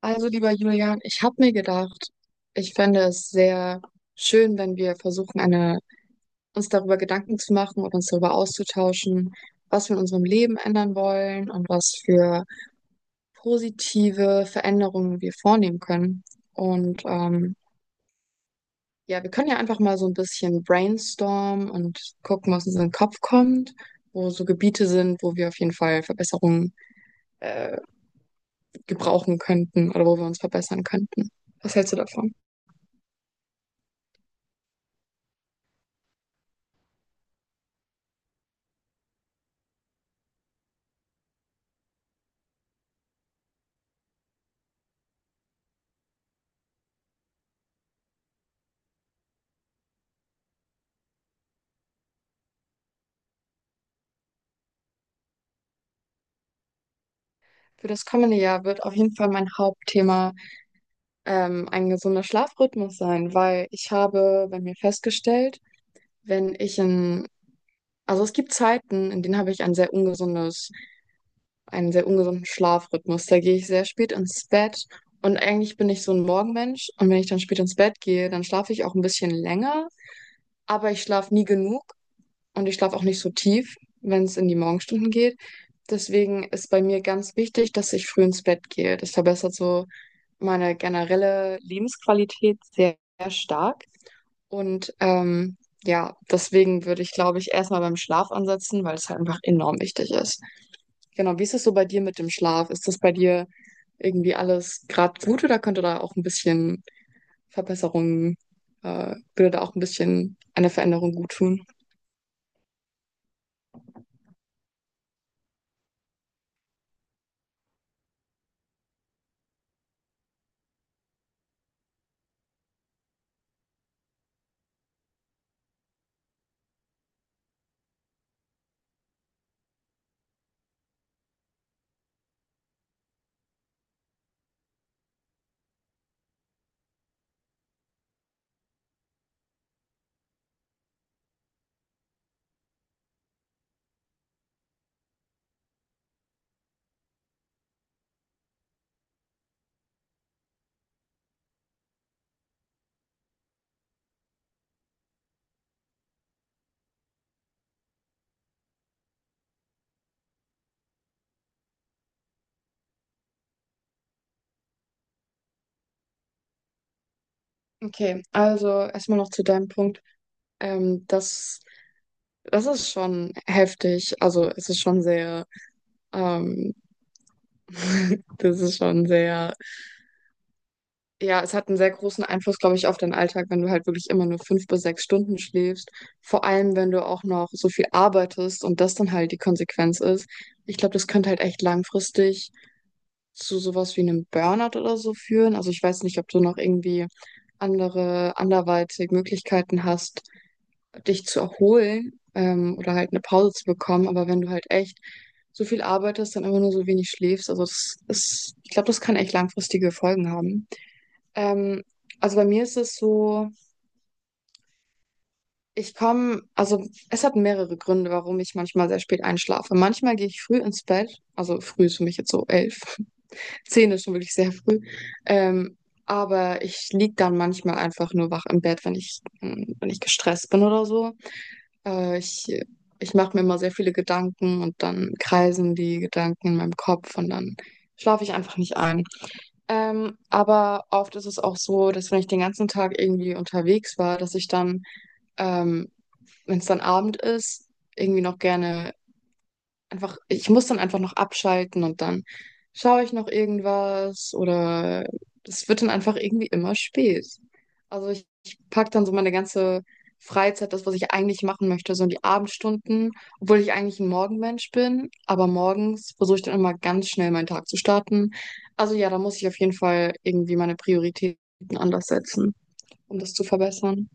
Also, lieber Julian, ich habe mir gedacht, ich fände es sehr schön, wenn wir versuchen, eine, uns darüber Gedanken zu machen und uns darüber auszutauschen, was wir in unserem Leben ändern wollen und was für positive Veränderungen wir vornehmen können. Und ja, wir können ja einfach mal so ein bisschen brainstormen und gucken, was uns in den Kopf kommt, wo so Gebiete sind, wo wir auf jeden Fall Verbesserungen äh, gebrauchen könnten oder wo wir uns verbessern könnten. Was hältst du davon? Für das kommende Jahr wird auf jeden Fall mein Hauptthema ein gesunder Schlafrhythmus sein, weil ich habe bei mir festgestellt, wenn ich in, also es gibt Zeiten, in denen habe ich ein sehr ungesundes, einen sehr ungesunden Schlafrhythmus. Da gehe ich sehr spät ins Bett und eigentlich bin ich so ein Morgenmensch und wenn ich dann spät ins Bett gehe, dann schlafe ich auch ein bisschen länger, aber ich schlafe nie genug und ich schlafe auch nicht so tief, wenn es in die Morgenstunden geht. Deswegen ist bei mir ganz wichtig, dass ich früh ins Bett gehe. Das verbessert so meine generelle Lebensqualität sehr, sehr stark. Und ja, deswegen würde ich, glaube ich, erstmal beim Schlaf ansetzen, weil es halt einfach enorm wichtig ist. Genau, wie ist es so bei dir mit dem Schlaf? Ist das bei dir irgendwie alles gerade gut oder könnte da auch ein bisschen Verbesserungen, würde da auch ein bisschen eine Veränderung gut tun? Okay, also erstmal noch zu deinem Punkt. Ähm, das, das ist schon heftig. Also es ist schon sehr ähm, Das ist schon sehr, ja, es hat einen sehr großen Einfluss, glaube ich, auf deinen Alltag, wenn du halt wirklich immer nur 5 bis 6 Stunden schläfst. Vor allem, wenn du auch noch so viel arbeitest und das dann halt die Konsequenz ist. Ich glaube, das könnte halt echt langfristig zu sowas wie einem Burnout oder so führen. Also ich weiß nicht, ob du noch irgendwie andere, anderweitig Möglichkeiten hast, dich zu erholen, oder halt eine Pause zu bekommen. Aber wenn du halt echt so viel arbeitest, dann immer nur so wenig schläfst, also das ist, ich glaube, das kann echt langfristige Folgen haben. Ähm, also bei mir ist es so, ich komme, also es hat mehrere Gründe, warum ich manchmal sehr spät einschlafe. Manchmal gehe ich früh ins Bett, also früh ist für mich jetzt so elf, zehn ist schon wirklich sehr früh. Ähm, aber ich lieg dann manchmal einfach nur wach im Bett, wenn ich, wenn ich gestresst bin oder so. Äh, ich ich mache mir immer sehr viele Gedanken und dann kreisen die Gedanken in meinem Kopf und dann schlafe ich einfach nicht ein. Aber oft ist es auch so, dass wenn ich den ganzen Tag irgendwie unterwegs war, dass ich dann, ähm, wenn es dann Abend ist, irgendwie noch gerne einfach, ich muss dann einfach noch abschalten und dann schaue ich noch irgendwas oder es wird dann einfach irgendwie immer spät. Also ich packe dann so meine ganze Freizeit, das, was ich eigentlich machen möchte, so in die Abendstunden, obwohl ich eigentlich ein Morgenmensch bin, aber morgens versuche ich dann immer ganz schnell meinen Tag zu starten. Also ja, da muss ich auf jeden Fall irgendwie meine Prioritäten anders setzen, um das zu verbessern.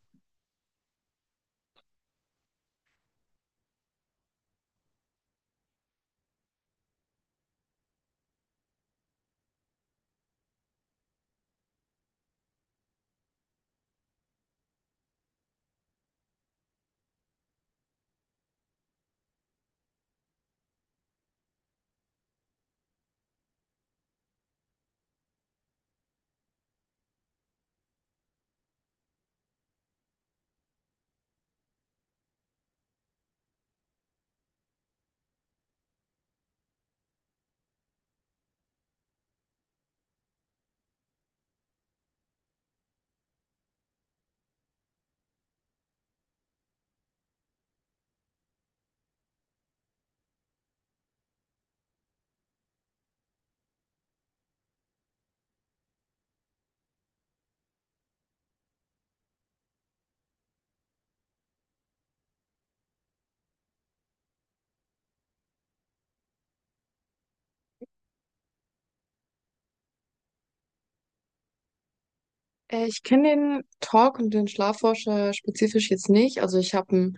Ich kenne den Talk und den Schlafforscher spezifisch jetzt nicht. Also ich habe ein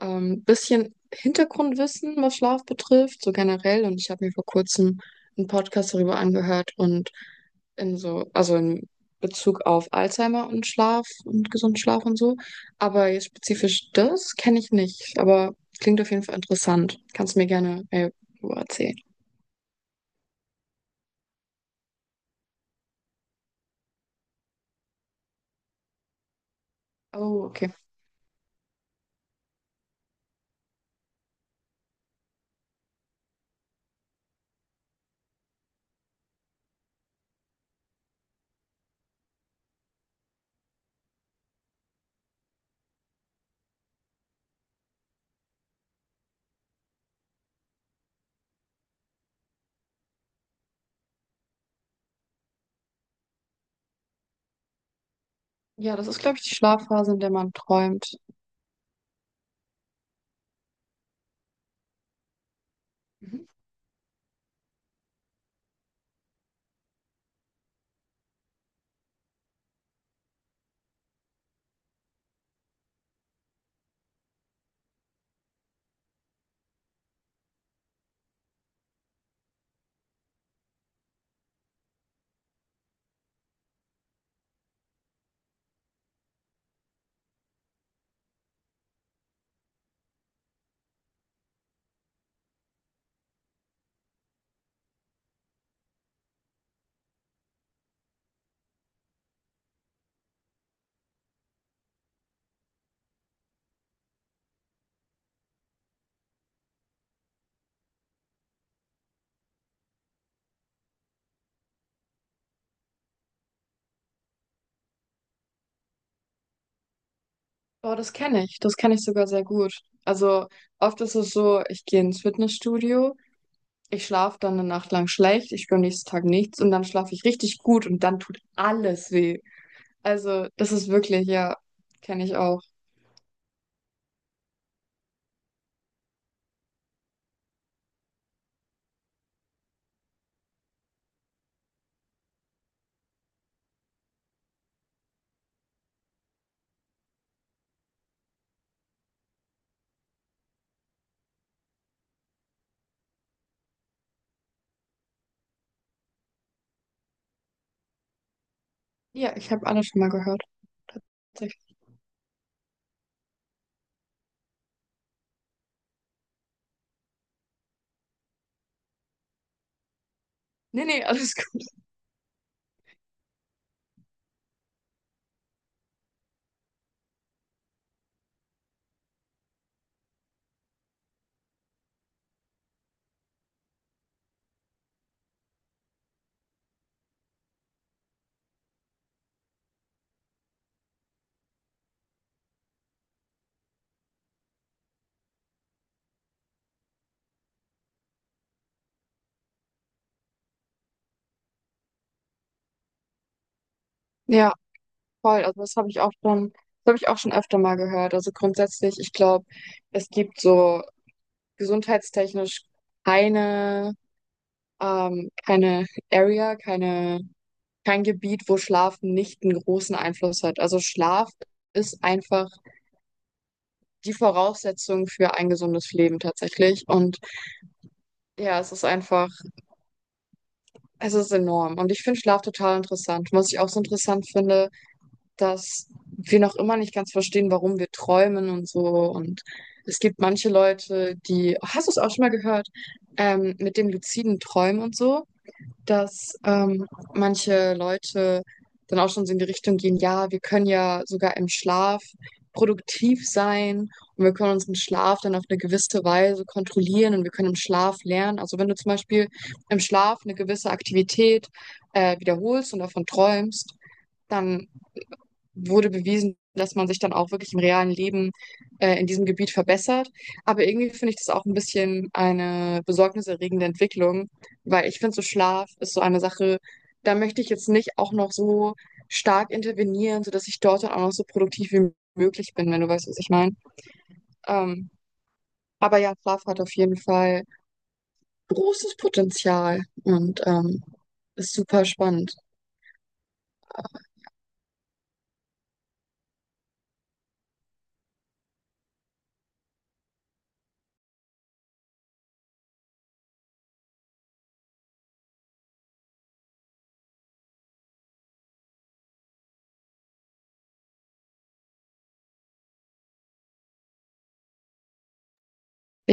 bisschen Hintergrundwissen, was Schlaf betrifft, so generell. Und ich habe mir vor kurzem einen Podcast darüber angehört und in so, also in Bezug auf Alzheimer und Schlaf und gesunden Schlaf und so. Aber jetzt spezifisch das kenne ich nicht. Aber klingt auf jeden Fall interessant. Kannst du mir gerne mehr darüber erzählen. Oh, okay. Ja, das ist, glaube ich, die Schlafphase, in der man träumt. Boah, das kenne ich. Das kenne ich sogar sehr gut. Also oft ist es so, ich gehe ins Fitnessstudio, ich schlafe dann eine Nacht lang schlecht, ich spüre am nächsten Tag nichts und dann schlafe ich richtig gut und dann tut alles weh. Also das ist wirklich, ja, kenne ich auch. Ja, ich habe alles schon mal gehört. Tatsächlich. Nee, nee, alles gut. Ja, voll. Also das habe ich auch schon, das habe ich auch schon öfter mal gehört. Also grundsätzlich, ich glaube, es gibt so gesundheitstechnisch keine, keine Area, keine. Kein Gebiet, wo Schlaf nicht einen großen Einfluss hat. Also Schlaf ist einfach die Voraussetzung für ein gesundes Leben tatsächlich. Und ja, es ist einfach, es ist enorm. Und ich finde Schlaf total interessant. Was ich auch so interessant finde, dass wir noch immer nicht ganz verstehen, warum wir träumen und so. Und es gibt manche Leute, die, hast du es auch schon mal gehört, mit dem luziden Träumen und so? Dass manche Leute dann auch schon so in die Richtung gehen, ja, wir können ja sogar im Schlaf produktiv sein und wir können unseren Schlaf dann auf eine gewisse Weise kontrollieren und wir können im Schlaf lernen. Also wenn du zum Beispiel im Schlaf eine gewisse Aktivität wiederholst und davon träumst, dann wurde bewiesen, dass man sich dann auch wirklich im realen Leben in diesem Gebiet verbessert. Aber irgendwie finde ich das auch ein bisschen eine besorgniserregende Entwicklung, weil ich finde, so Schlaf ist so eine Sache, da möchte ich jetzt nicht auch noch so stark intervenieren, sodass ich dort dann auch noch so produktiv wie möglich bin, wenn du weißt, was ich meine. Ähm, aber ja, Schlaf hat auf jeden Fall großes Potenzial und ist super spannend. Ja.